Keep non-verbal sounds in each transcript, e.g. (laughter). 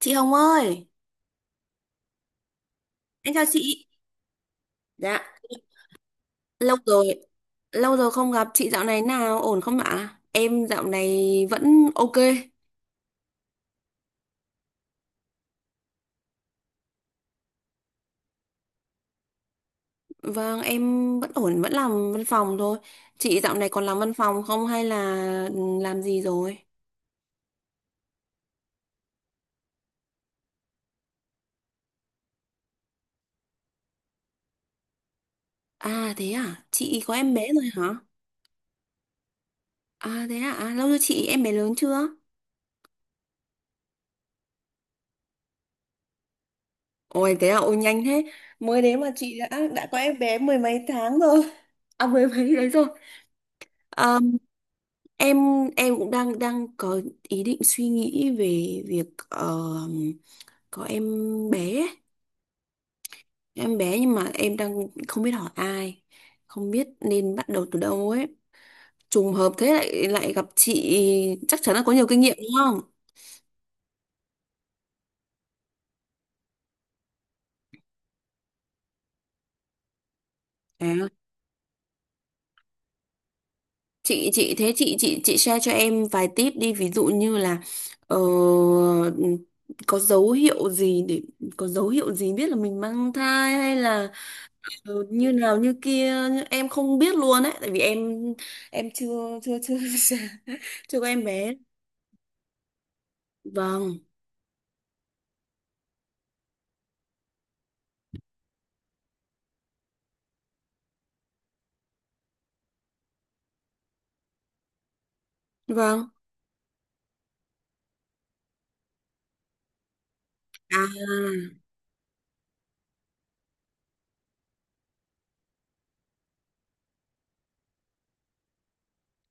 Chị Hồng ơi, em chào chị. Dạ, lâu rồi, lâu rồi không gặp chị, dạo này nào ổn không ạ? Em dạo này vẫn ok. Vâng em vẫn ổn, vẫn làm văn phòng thôi. Chị dạo này còn làm văn phòng không hay là làm gì rồi? À thế à, chị có em bé rồi hả? À thế à, à lâu rồi chị, em bé lớn chưa? Ôi thế à, ôi nhanh thế. Mới đấy mà chị đã có em bé mười mấy tháng rồi. À mười mấy đấy rồi. Ờ, em em cũng đang đang có ý định suy nghĩ về việc ờ, có em bé ấy. Em bé, nhưng mà em đang không biết hỏi ai, không biết nên bắt đầu từ đâu ấy. Trùng hợp thế lại lại gặp chị chắc chắn là có nhiều kinh nghiệm đúng không? À, chị thế chị share cho em vài tip đi, ví dụ như là ờ, có dấu hiệu gì để có dấu hiệu gì biết là mình mang thai hay là ừ, như nào như kia em không biết luôn ấy, tại vì em chưa chưa chưa (laughs) chưa có em bé, vâng. Vâng. À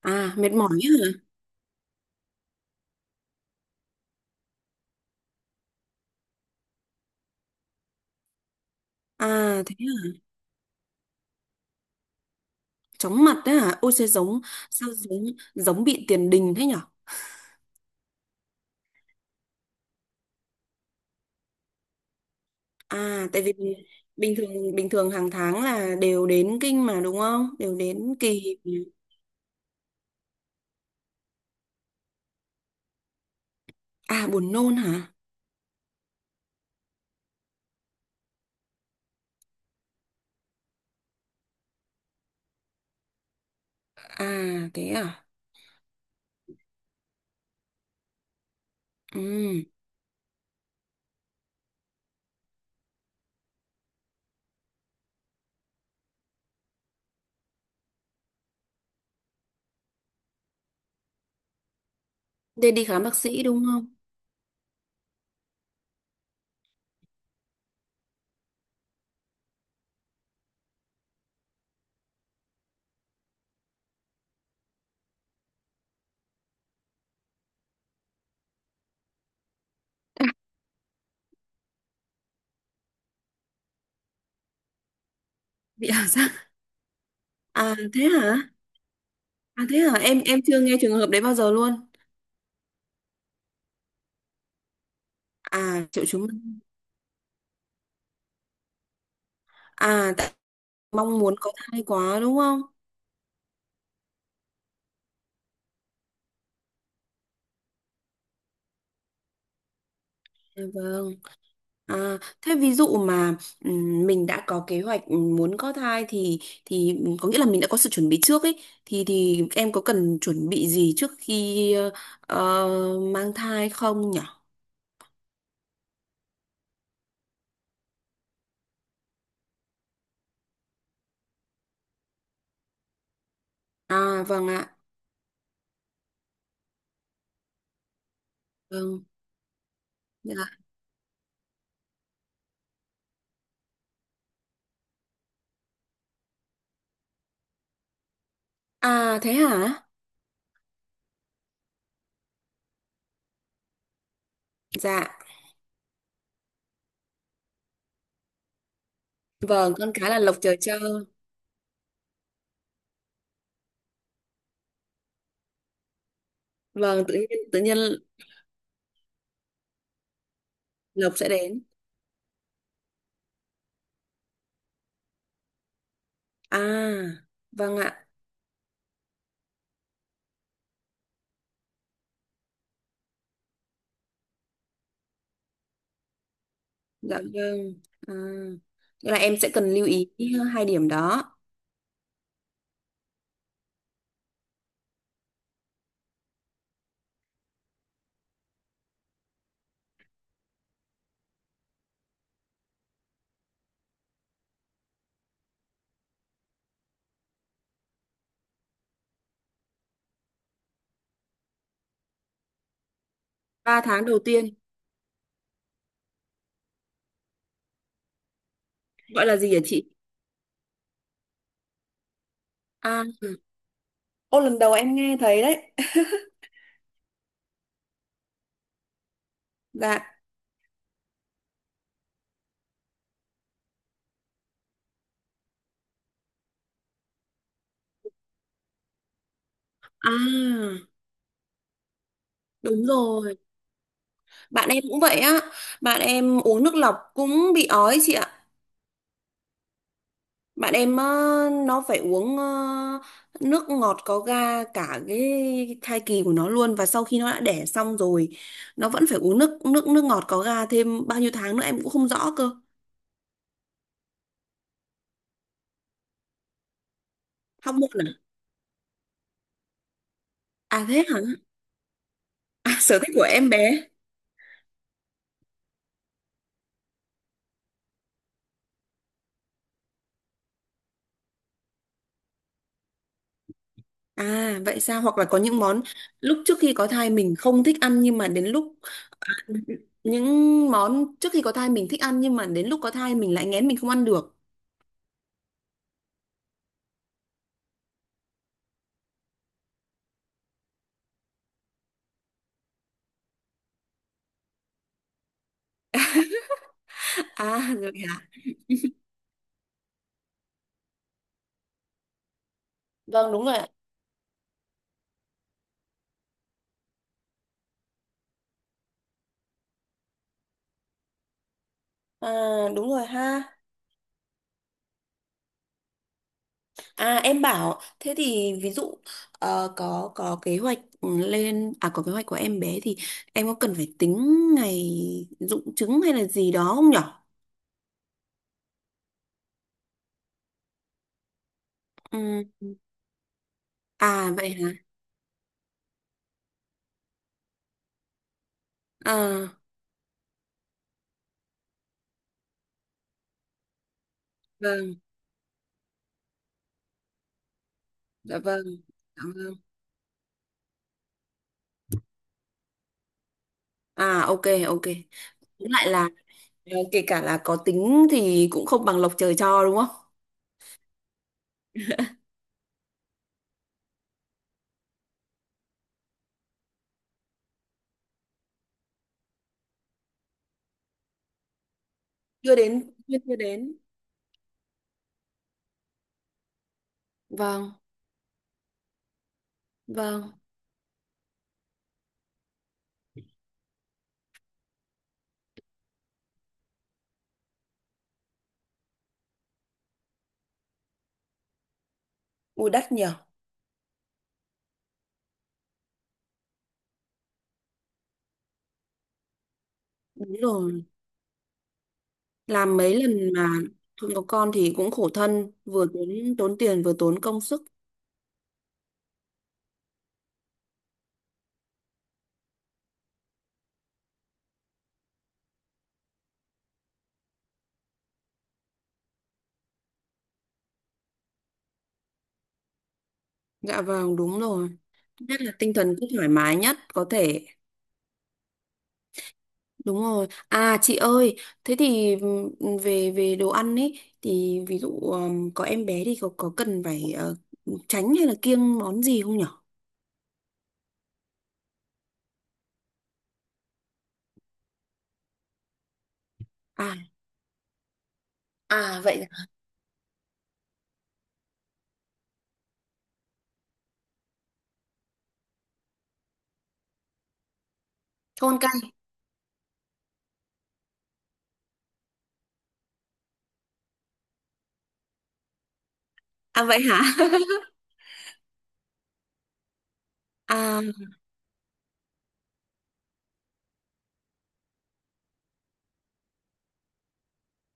à mệt mỏi ấy hả? À thế hả, chóng mặt đấy hả? Ôi trời, giống sao, giống giống bị tiền đình thế nhở? À tại vì bình thường hàng tháng là đều đến kinh mà đúng không, đều đến kỳ. À buồn nôn hả? À thế à. Ừ thế đi khám bác sĩ đúng không? Bị ảo giác? À thế hả? À thế hả? Em chưa nghe trường hợp đấy bao giờ luôn. À triệu chứng. À tại mong muốn có thai quá đúng không? À, vâng. À thế ví dụ mà mình đã có kế hoạch muốn có thai thì có nghĩa là mình đã có sự chuẩn bị trước ấy, thì em có cần chuẩn bị gì trước khi mang thai không nhỉ? À vâng ạ. Vâng. Dạ. À thế hả? Dạ. Vâng, con cái là lộc trời cho. Vâng, tự nhiên lộc sẽ đến. À, vâng ạ. Dạ vâng. À, nghĩa là em sẽ cần lưu ý hai điểm đó. Ba tháng đầu tiên gọi là gì hả chị? À, ô lần đầu em nghe thấy đấy. (laughs) Dạ. À, đúng rồi. Bạn em cũng vậy á. Bạn em uống nước lọc cũng bị ói chị ạ. Bạn em, nó phải uống nước ngọt có ga cả cái thai kỳ của nó luôn, và sau khi nó đã đẻ xong rồi nó vẫn phải uống nước nước nước ngọt có ga thêm bao nhiêu tháng nữa em cũng không rõ cơ. Hóc môn à? À thế hả? À, sở thích của em bé. À vậy sao? Hoặc là có những món lúc trước khi có thai mình không thích ăn nhưng mà đến lúc (laughs) những món trước khi có thai mình thích ăn nhưng mà đến lúc có thai mình lại nghén, mình không ăn được. (laughs) À rồi hả? Vâng đúng rồi ạ. À đúng rồi ha. À em bảo thế thì ví dụ có kế hoạch lên, à có kế hoạch của em bé thì em có cần phải tính ngày dụng trứng hay là gì đó không nhở? Ừ. À vậy hả? À vâng. Dạ vâng, cảm ơn. À ok ok. Cũng lại là kể cả là có tính thì cũng không bằng lộc trời cho đúng không? Chưa đến, chưa chưa đến. Vâng, vâng. Ui đắt nhỉ. Đúng rồi. Làm mấy lần mà không có con thì cũng khổ thân, vừa tốn tốn tiền vừa tốn công sức. Dạ vâng, đúng rồi. Nhất là tinh thần cứ thoải mái nhất có thể. Đúng rồi. À chị ơi, thế thì về về đồ ăn ấy thì ví dụ có em bé thì có cần phải tránh hay là kiêng món gì không nhở? À à, vậy thôn cay. À vậy hả? (laughs) À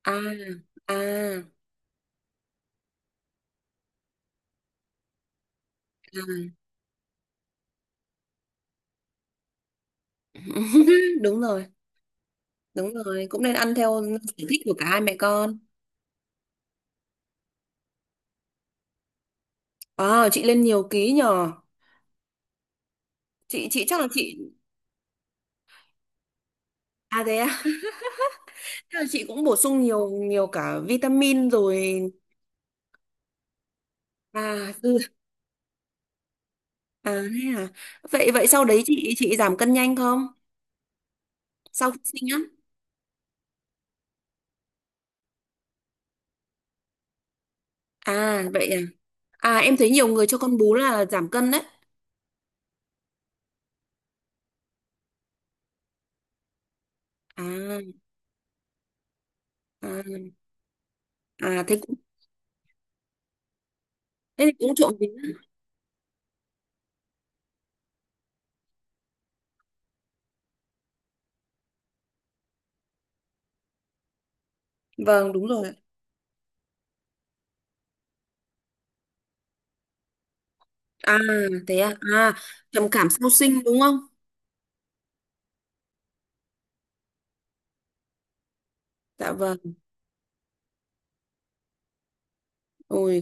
à à, à. (laughs) Đúng rồi, đúng rồi cũng nên ăn theo sở thích của cả hai mẹ con. À chị lên nhiều ký nhờ. Chị chắc là chị. À thế à. (laughs) Chắc là chị cũng bổ sung nhiều nhiều cả vitamin rồi. À ừ, à thế à. Vậy vậy sau đấy chị giảm cân nhanh không, sau khi sinh á? À vậy à. À em thấy nhiều người cho con bú là giảm cân đấy. À, à. À thế cũng, thế thì cũng trộm vía. Vâng đúng rồi. À thế à, à trầm cảm sau sinh đúng không? Dạ vâng. Ôi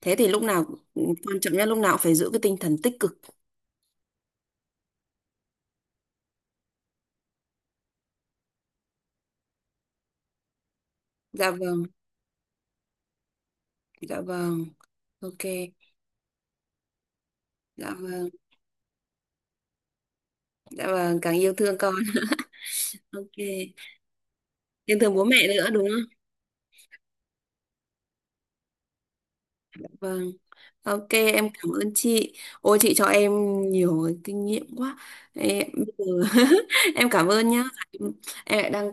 thế thì lúc nào cũng- quan trọng nhất lúc nào cũng phải giữ cái tinh thần tích cực. Dạ vâng. Dạ vâng. Ok. Dạ vâng. Dạ vâng, càng yêu thương con. (laughs) Ok. Yêu thương bố mẹ nữa đúng không? Dạ vâng. Ok, em cảm ơn chị. Ôi chị cho em nhiều cái kinh nghiệm quá. Em, bây giờ (laughs) em cảm ơn nhá. Em, em lại đang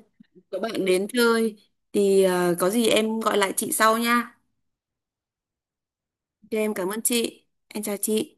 có bạn đến chơi thì có gì em gọi lại chị sau nha. Ok, em cảm ơn chị. Em chào chị.